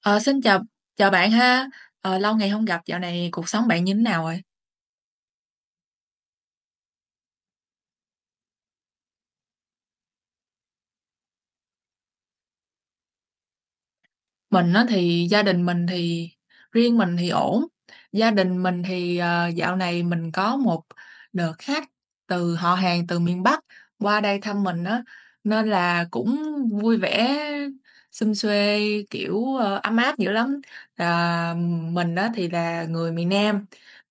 Ờ, Xin chào, chào bạn ha. Lâu ngày không gặp, dạo này cuộc sống bạn như thế nào rồi? Mình á thì gia đình mình thì riêng mình thì ổn, gia đình mình thì, dạo này mình có một đợt khách từ họ hàng từ miền Bắc qua đây thăm mình á, nên là cũng vui vẻ, sum suê, kiểu, ấm áp dữ lắm. Là mình á thì là người miền Nam,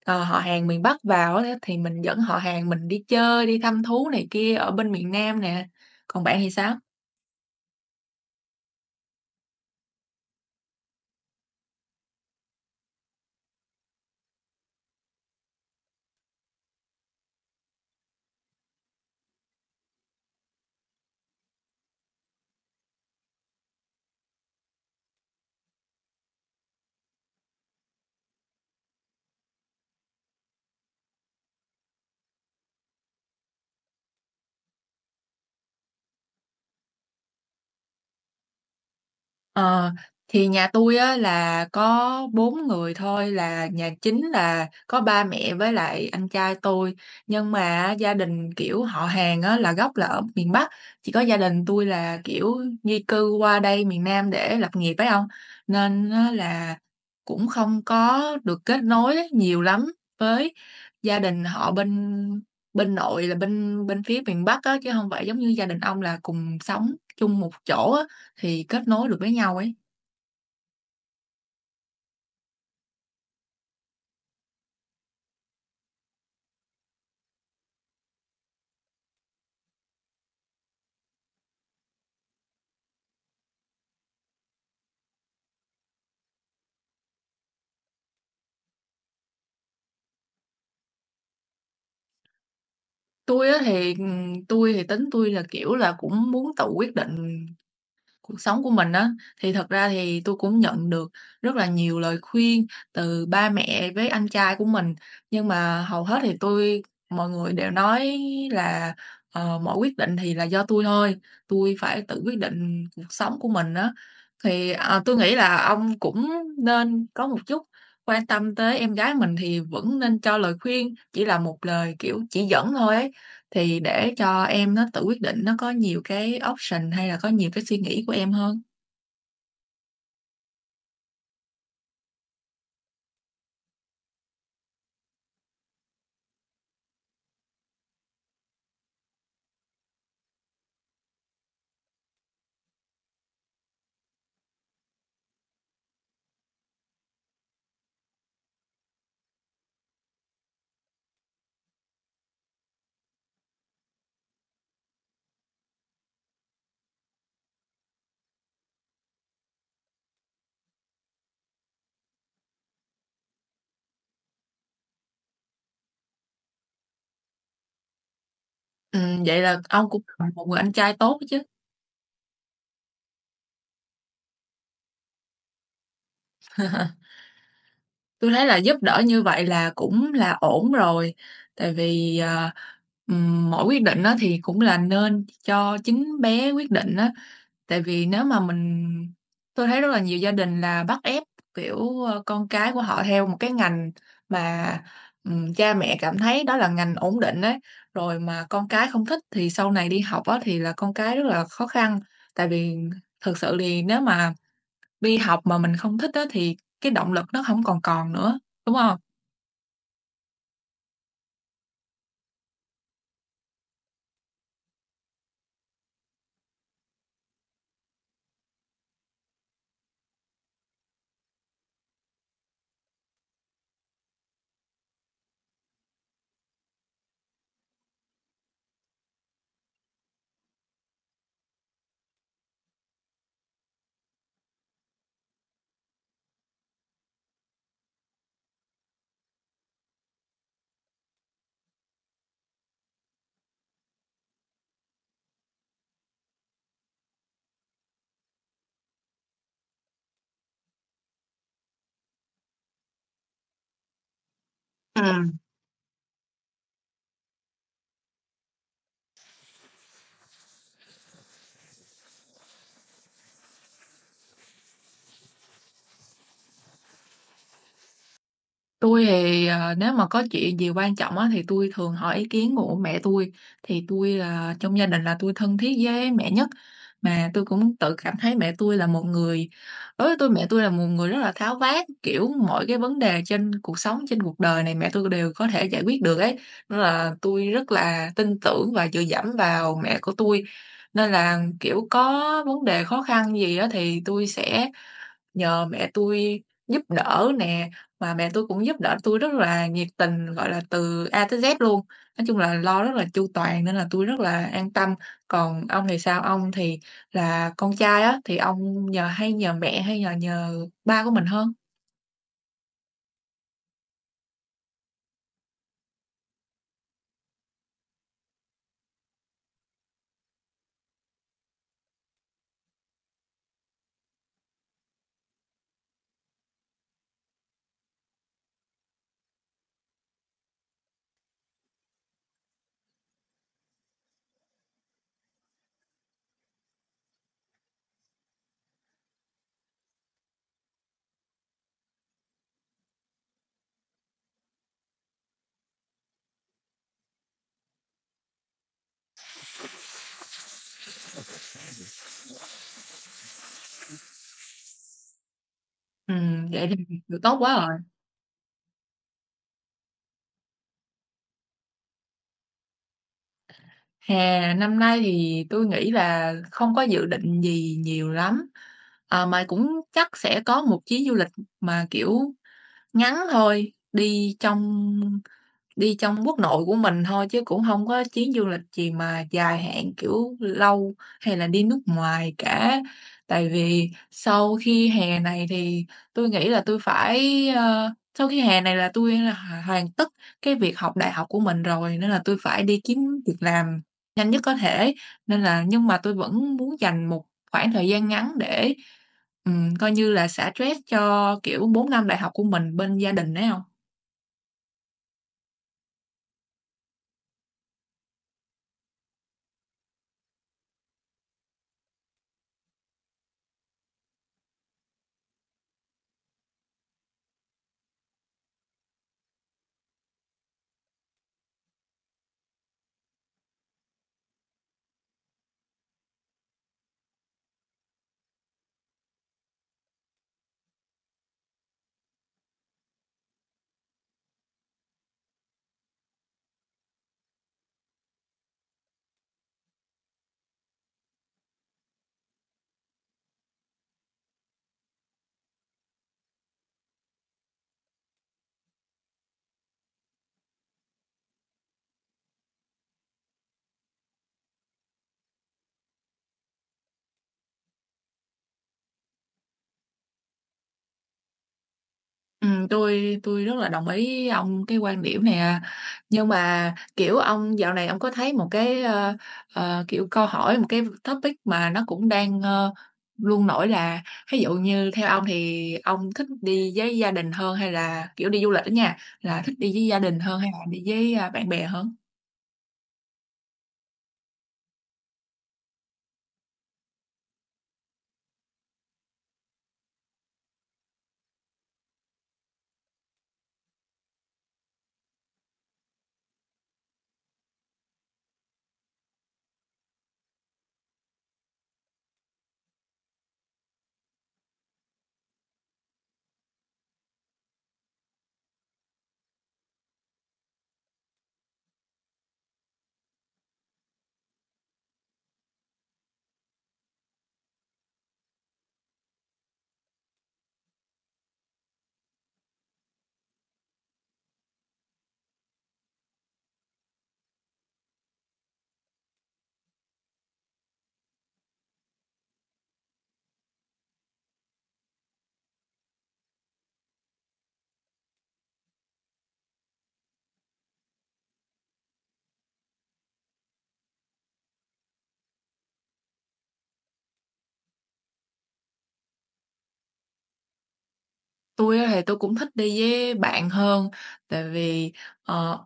họ hàng miền Bắc vào á thì mình dẫn họ hàng mình đi chơi, đi thăm thú này kia ở bên miền Nam nè, còn bạn thì sao? Ờ, thì nhà tôi á là có 4 người thôi, là nhà chính là có ba mẹ với lại anh trai tôi, nhưng mà gia đình, kiểu, họ hàng á là gốc là ở miền Bắc, chỉ có gia đình tôi là, kiểu, di cư qua đây miền Nam để lập nghiệp ấy ông, nên á là cũng không có được kết nối nhiều lắm với gia đình họ bên bên nội là bên bên phía miền Bắc á, chứ không phải giống như gia đình ông là cùng sống chung một chỗ á. Thì kết nối được với nhau ấy. Tôi á thì, tôi thì tính tôi là, kiểu là, cũng muốn tự quyết định cuộc sống của mình á, thì thật ra thì tôi cũng nhận được rất là nhiều lời khuyên từ ba mẹ với anh trai của mình, nhưng mà hầu hết thì mọi người đều nói là, mọi quyết định thì là do tôi thôi, tôi phải tự quyết định cuộc sống của mình á. Thì, tui nghĩ là ông cũng nên có một chút quan tâm tới em gái mình thì vẫn nên cho lời khuyên, chỉ là một lời, kiểu, chỉ dẫn thôi ấy, thì để cho em nó tự quyết định, nó có nhiều cái option hay là có nhiều cái suy nghĩ của em hơn. Vậy là ông cũng là một người anh trai tốt chứ. Tôi thấy là giúp đỡ như vậy là cũng là ổn rồi, tại vì, mỗi quyết định đó thì cũng là nên cho chính bé quyết định đó. Tại vì nếu mà mình tôi thấy rất là nhiều gia đình là bắt ép, kiểu, con cái của họ theo một cái ngành mà, cha mẹ cảm thấy đó là ngành ổn định ấy, rồi mà con cái không thích thì sau này đi học á thì là con cái rất là khó khăn. Tại vì thực sự thì nếu mà đi học mà mình không thích á thì cái động lực nó không còn còn nữa, đúng không? Ừm. Tôi thì, nếu mà có chuyện gì quan trọng á, thì tôi thường hỏi ý kiến của mẹ tôi, thì tôi là trong gia đình là tôi thân thiết với mẹ nhất. Mà tôi cũng tự cảm thấy mẹ tôi là một người, đối với tôi mẹ tôi là một người rất là tháo vát, kiểu, mọi cái vấn đề trên cuộc sống, trên cuộc đời này mẹ tôi đều có thể giải quyết được ấy, nên là tôi rất là tin tưởng và dựa dẫm vào mẹ của tôi. Nên là, kiểu, có vấn đề khó khăn gì á thì tôi sẽ nhờ mẹ tôi giúp đỡ nè, mà mẹ tôi cũng giúp đỡ tôi rất là nhiệt tình, gọi là, từ A tới Z luôn. Nói chung là lo rất là chu toàn nên là tôi rất là an tâm. Còn ông thì sao? Ông thì là con trai á, thì ông nhờ hay nhờ mẹ hay nhờ nhờ ba của mình hơn? Vậy thì được tốt quá rồi. Hè, năm nay thì tôi nghĩ là không có dự định gì nhiều lắm, mà cũng chắc sẽ có một chuyến du lịch mà, kiểu, ngắn thôi, đi trong quốc nội của mình thôi chứ cũng hông có chuyến du lịch gì mà dài hạn, kiểu, lâu hay là đi nước ngoài cả. Tại vì sau khi hè này thì tui nghĩ là tui phải, ơ sau khi hè này là tui là h hoàn tất cái việc học đại học của mình rồi, nên là tui phải đi kiếm việc làm nhanh nhất có thể. Nên là nhưng mà tui vẫn muốn dành một khoảng thời gian ngắn để, coi như là xả stress cho, kiểu, 4 năm đại học của mình bên gia đình ấy ông. Tui rất là đồng ý ông cái quan điểm này à. Nhưng mà, kiểu, ông dạo này ông có thấy một cái, kiểu, câu hỏi, một cái topic mà nó cũng đang, luôn nổi là ví dụ như theo ông thì ông thích đi với gia đình hơn hay là, kiểu, đi du lịch á nha, là thích đi với gia đình hơn hay là đi với, a, bạn bè hơn? Tôi á thì tôi cũng thích đi với bạn hơn, tại vì, ờ,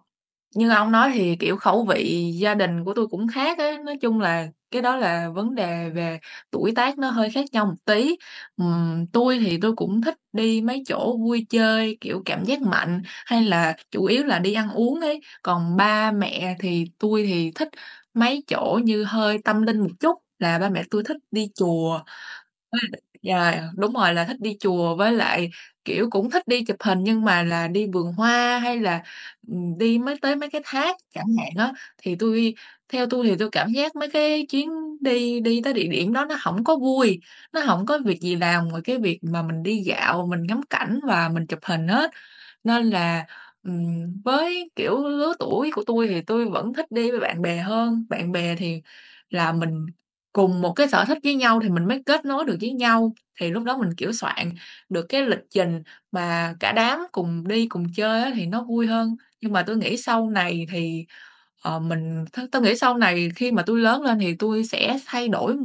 như ông nói thì, kiểu, khẩu vị gia đình của tui cũng khác ấy, nói chung là cái đó là vấn đề về tuổi tác nó hơi khác nhau một tí. Tui thì tui cũng thích đi mấy chỗ vui chơi, kiểu, cảm giác mạnh, hay là chủ yếu là đi ăn uống ấy, còn ba mẹ thì tui thì thích mấy chỗ như hơi tâm linh một chút, là ba mẹ tui thích đi chùa. Với lại yeah, đúng rồi, là thích đi chùa với lại, kiểu, cũng thích đi chụp hình nhưng mà là đi vườn hoa hay là đi tới mấy cái thác chẳng hạn á, thì theo tôi thì tôi cảm giác mấy cái chuyến đi đi tới địa điểm đó nó hổng có vui, nó hổng có việc gì làm ngoài cái việc mà mình đi dạo, mình ngắm cảnh và mình chụp hình hết. Nên là, với, kiểu, lứa tuổi của tôi thì tôi vẫn thích đi với bạn bè hơn. Bạn bè thì là mình cùng một cái sở thích với nhau thì mình mới kết nối được với nhau, thì lúc đó mình, kiểu, soạn được cái lịch trình mà cả đám cùng đi, cùng chơi á thì nó vui hơn. Nhưng mà tôi nghĩ sau này thì, ờ, mình t tui nghĩ sau này khi mà tôi lớn lên thì tôi sẽ thay đổi,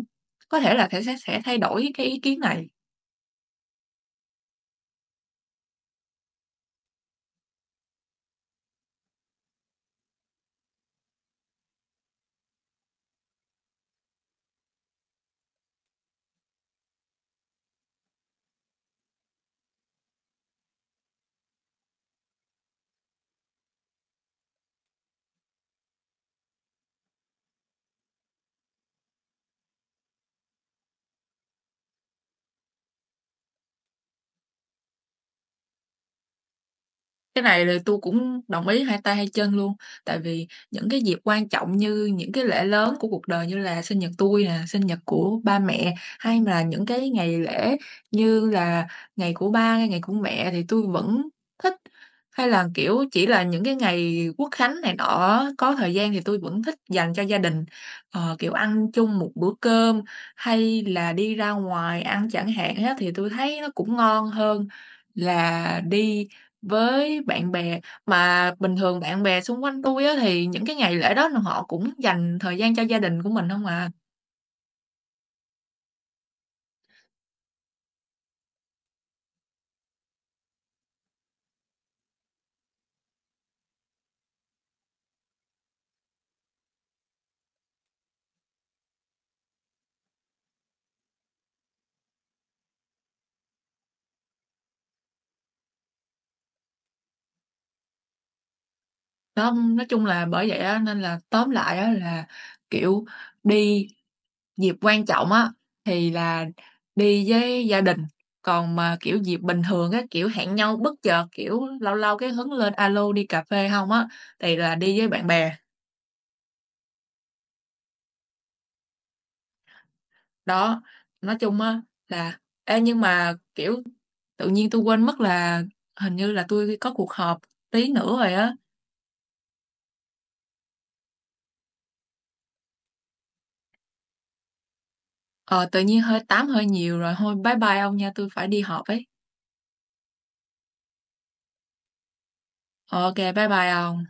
có thể là sẽ thay đổi cái ý kiến này. Cái này là tôi cũng đồng ý hai tay hai chân luôn, tại vì những cái dịp quan trọng như những cái lễ lớn của cuộc đời như là sinh nhật tôi nè, sinh nhật của ba mẹ, hay là những cái ngày lễ như là ngày của ba, ngày của mẹ thì tôi vẫn thích, hay là, kiểu, chỉ là những cái ngày Quốc khánh này nọ có thời gian thì tôi vẫn thích dành cho gia đình, kiểu, ăn chung một bữa cơm hay là đi ra ngoài ăn chẳng hạn á, thì tôi thấy nó cũng ngon hơn là đi với bạn bè. Mà bình thường bạn bè xung quanh tôi á, thì những cái ngày lễ đó là họ cũng dành thời gian cho gia đình của mình không à. Đó, nói chung là bởi vậy á, nên là tóm lại á, là, kiểu, đi dịp quan trọng á, thì là đi với gia đình, còn mà, kiểu, dịp bình thường á, kiểu, hẹn nhau bất chợt, kiểu, lâu lâu cái hứng lên alo đi cà phê không á, thì là đi với bạn bè. Đó, nói chung á là nhưng mà, kiểu, tự nhiên tôi quên mất là hình như là tôi có cuộc họp tí nữa rồi á. Ờ, Tự nhiên hơi tám hơi nhiều rồi, thôi bye bye ông nha, tôi phải đi họp ấy. Ờ, ok bye bye ông.